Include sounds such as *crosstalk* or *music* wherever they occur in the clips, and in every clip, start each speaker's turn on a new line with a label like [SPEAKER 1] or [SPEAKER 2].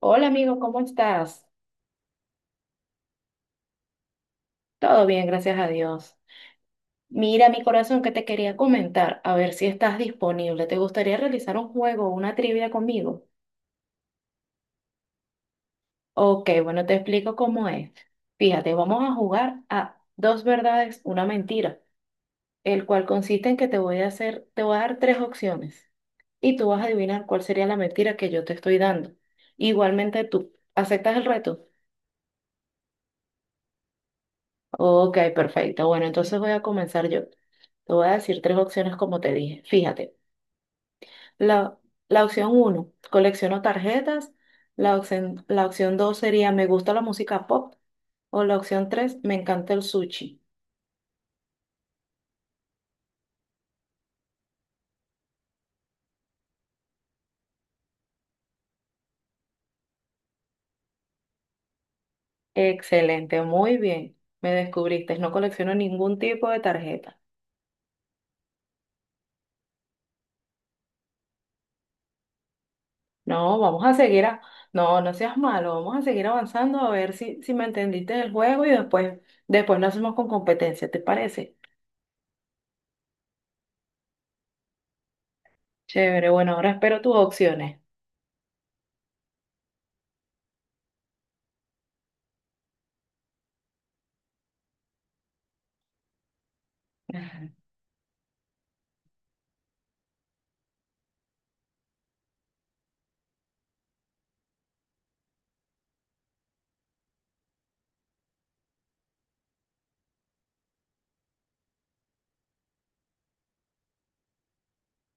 [SPEAKER 1] Hola amigo, ¿cómo estás? Todo bien, gracias a Dios. Mira, mi corazón, que te quería comentar, a ver si estás disponible. ¿Te gustaría realizar un juego o una trivia conmigo? Ok, bueno, te explico cómo es. Fíjate, vamos a jugar a dos verdades, una mentira, el cual consiste en que te voy a hacer, te voy a dar tres opciones y tú vas a adivinar cuál sería la mentira que yo te estoy dando. Igualmente tú, ¿aceptas el reto? Ok, perfecto. Bueno, entonces voy a comenzar yo. Te voy a decir tres opciones como te dije. Fíjate, la, la opción uno, colecciono tarjetas. La opción dos sería, me gusta la música pop. O la opción tres, me encanta el sushi. Excelente, muy bien. Me descubriste, no colecciono ningún tipo de tarjeta. No, vamos a seguir a... No, no seas malo, vamos a seguir avanzando a ver si me entendiste el juego y después lo hacemos con competencia, ¿te parece? Chévere, bueno, ahora espero tus opciones. *laughs*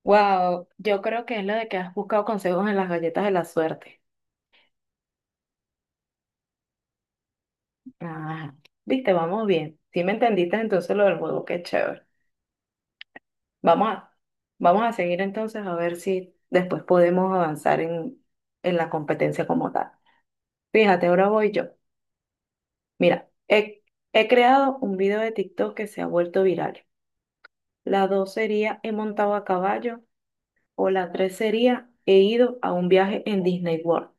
[SPEAKER 1] Wow, yo creo que es lo de que has buscado consejos en las galletas de la suerte. Ajá. Viste, vamos bien. Si me entendiste entonces lo del juego, qué chévere. Vamos a, vamos a seguir entonces a ver si después podemos avanzar en la competencia como tal. Fíjate, ahora voy yo. Mira, he creado un video de TikTok que se ha vuelto viral. La dos sería he montado a caballo o la tres sería he ido a un viaje en Disney World.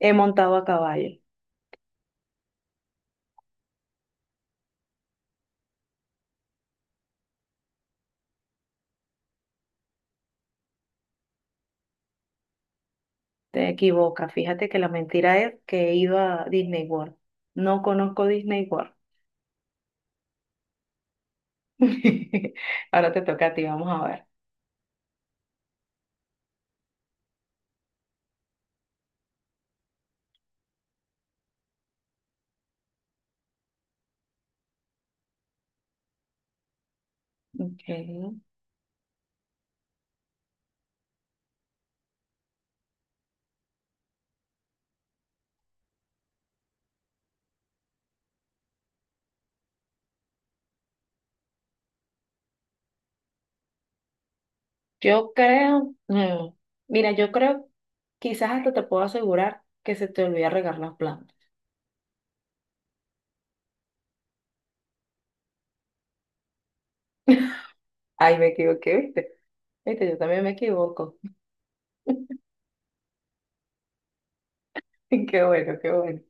[SPEAKER 1] He montado a caballo. Te equivocas. Fíjate que la mentira es que he ido a Disney World. No conozco Disney World. *laughs* Ahora te toca a ti, vamos a ver. Ok. Yo creo, mira, yo creo, quizás hasta te puedo asegurar que se te olvida regar las plantas. Ay, me equivoqué, ¿viste? Viste, yo también me equivoco. *laughs* Qué bueno, qué bueno.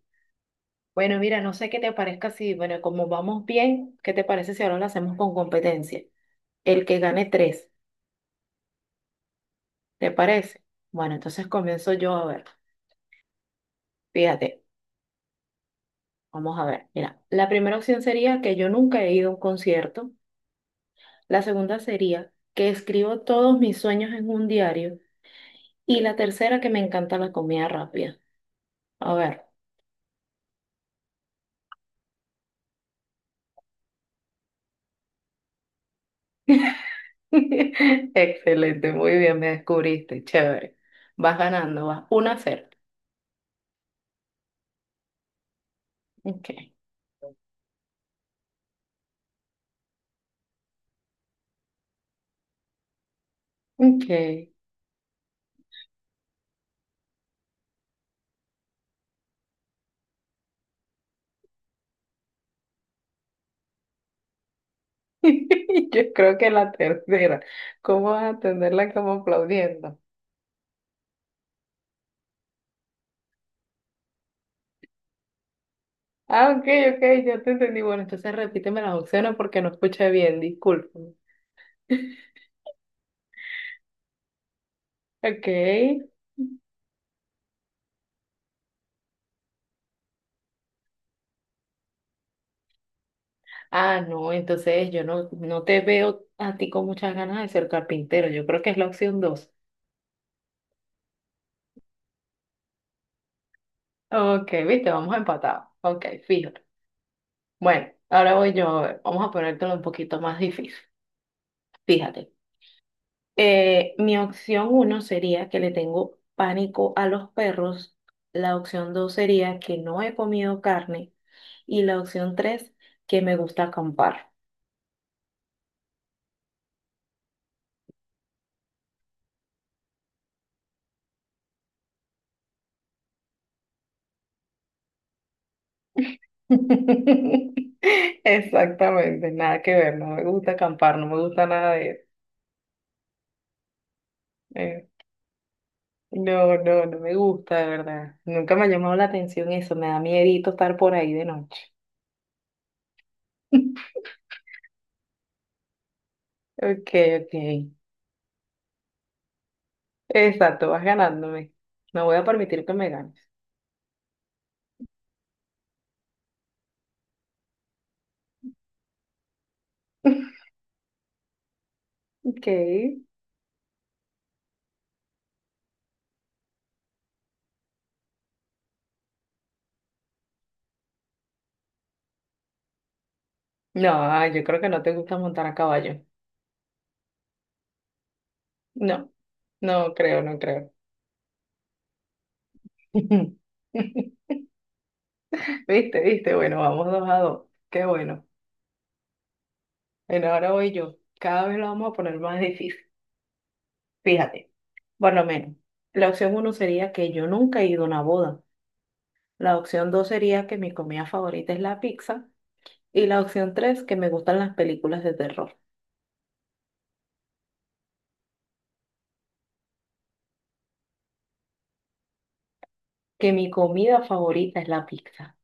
[SPEAKER 1] Bueno, mira, no sé qué te parezca si, bueno, como vamos bien, ¿qué te parece si ahora lo hacemos con competencia? El que gane tres, ¿te parece? Bueno, entonces comienzo yo a ver. Fíjate, vamos a ver. Mira, la primera opción sería que yo nunca he ido a un concierto. La segunda sería que escribo todos mis sueños en un diario. Y la tercera, que me encanta la comida rápida. A ver. *laughs* Excelente, muy bien, me descubriste. Chévere. Vas ganando, vas una a cero. Ok, ok. *laughs* Yo creo que la tercera. ¿Cómo vas a atenderla como aplaudiendo? Ah, ok, ok, ya te entendí. Bueno, entonces repíteme las opciones porque no escuché bien, disculpen. Ok. Ah, no, entonces yo no te veo a ti con muchas ganas de ser carpintero. Yo creo que es la opción dos. Ok, viste, vamos empatados. Ok, fíjate. Bueno, ahora voy yo. A ver, vamos a ponértelo un poquito más difícil. Fíjate. Mi opción uno sería que le tengo pánico a los perros. La opción dos sería que no he comido carne. Y la opción tres, que me gusta acampar. *laughs* Exactamente, nada que ver, no me gusta acampar, no me gusta nada de eso. Eh, no, no, no me gusta, de verdad. Nunca me ha llamado la atención eso, me da miedito estar por ahí de noche. *laughs* Ok, ok. Exacto, vas ganándome. No voy a permitir que me ganes. *laughs* Ok. No, ay, yo creo que no te gusta montar a caballo. No, no creo, no creo. *laughs* Viste, viste, bueno, vamos dos a dos. Qué bueno. Bueno, ahora voy yo. Cada vez lo vamos a poner más difícil. Fíjate, por lo menos. La opción uno sería que yo nunca he ido a una boda. La opción dos sería que mi comida favorita es la pizza. Y la opción tres, que me gustan las películas de terror. Que mi comida favorita es la pizza.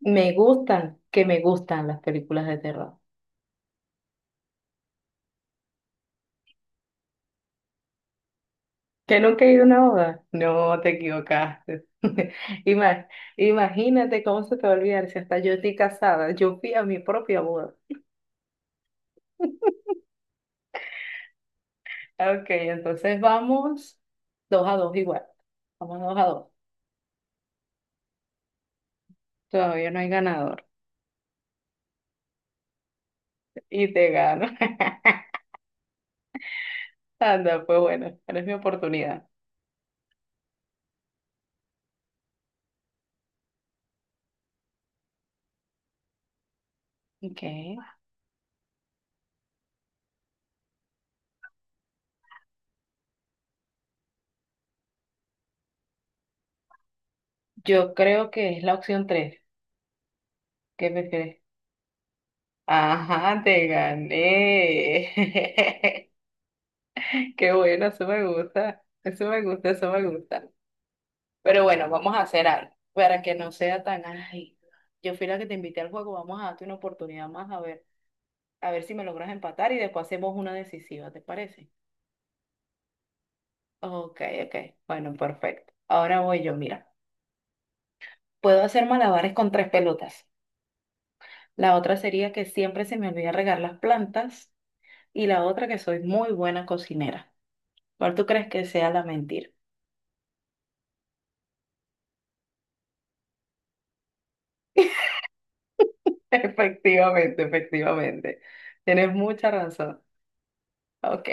[SPEAKER 1] Me gustan, que me gustan las películas de terror. ¿Que nunca he ido a una boda? No, te equivocaste. *laughs* Ima- Imagínate cómo se te va a olvidar si hasta yo estoy casada. Yo fui a mi propia boda. Ok, entonces vamos dos a dos igual. Vamos dos a dos. Todavía no hay ganador. Y te gano. *laughs* Anda, pues bueno, ahora es mi oportunidad. Ok. Yo creo que es la opción tres. ¿Qué me crees? Ajá, te gané. *laughs* Qué bueno, eso me gusta. Eso me gusta, eso me gusta. Pero bueno, vamos a hacer algo para que no sea tan, ay, yo fui la que te invité al juego, vamos a darte una oportunidad más a ver. A ver si me logras empatar y después hacemos una decisiva, ¿te parece? Ok, ok. Bueno, perfecto. Ahora voy yo, mira. Puedo hacer malabares con tres pelotas. La otra sería que siempre se me olvida regar las plantas. Y la otra que soy muy buena cocinera. ¿Cuál tú crees que sea la mentira? *laughs* Efectivamente, efectivamente. Tienes mucha razón. Ok.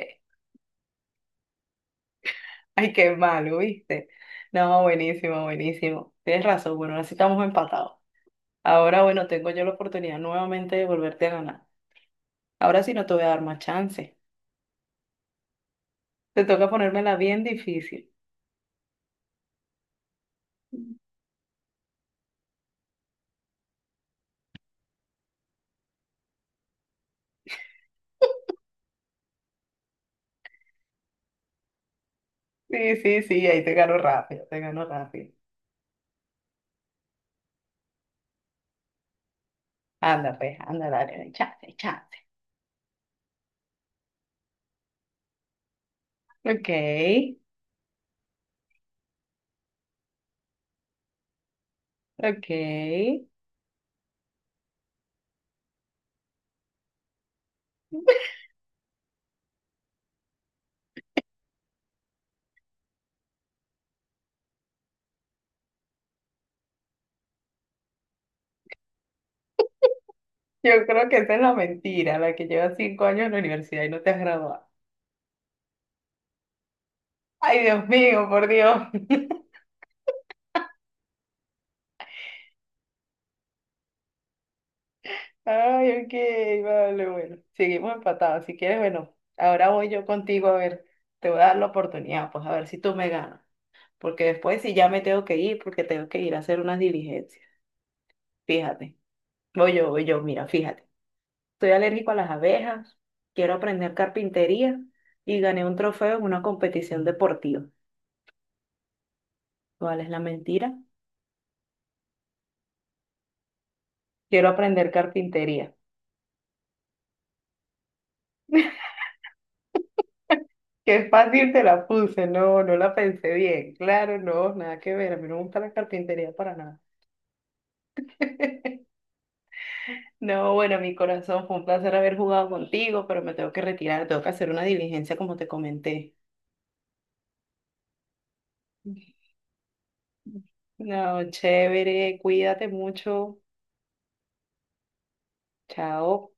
[SPEAKER 1] Ay, qué malo, ¿viste? No, buenísimo, buenísimo. Tienes razón. Bueno, así estamos empatados. Ahora, bueno, tengo yo la oportunidad nuevamente de volverte a ganar. Ahora sí no te voy a dar más chance. Te toca ponérmela bien difícil. Sí, sí, sí, ahí te gano rápido, te gano rápido. Anda, pues, anda, dale, chance, chance. Ok, ok. Yo creo que esa es la mentira, la que llevas 5 años en la universidad y no te has graduado. Ay, Dios mío, por Dios. Ay, ok, vale, bueno. Seguimos empatados. Si quieres, bueno, ahora voy yo contigo a ver. Te voy a dar la oportunidad, pues a ver si tú me ganas, porque después sí ya me tengo que ir, porque tengo que ir a hacer unas diligencias. Fíjate, voy yo, mira, fíjate. Soy alérgico a las abejas, quiero aprender carpintería y gané un trofeo en una competición deportiva. ¿Cuál es la mentira? Quiero aprender carpintería. Qué fácil te la puse, no, no la pensé bien. Claro, no, nada que ver, a mí no me gusta la carpintería para nada. *laughs* No, bueno, mi corazón, fue un placer haber jugado contigo, pero me tengo que retirar, tengo que hacer una diligencia como te comenté. No, chévere, cuídate mucho. Chao.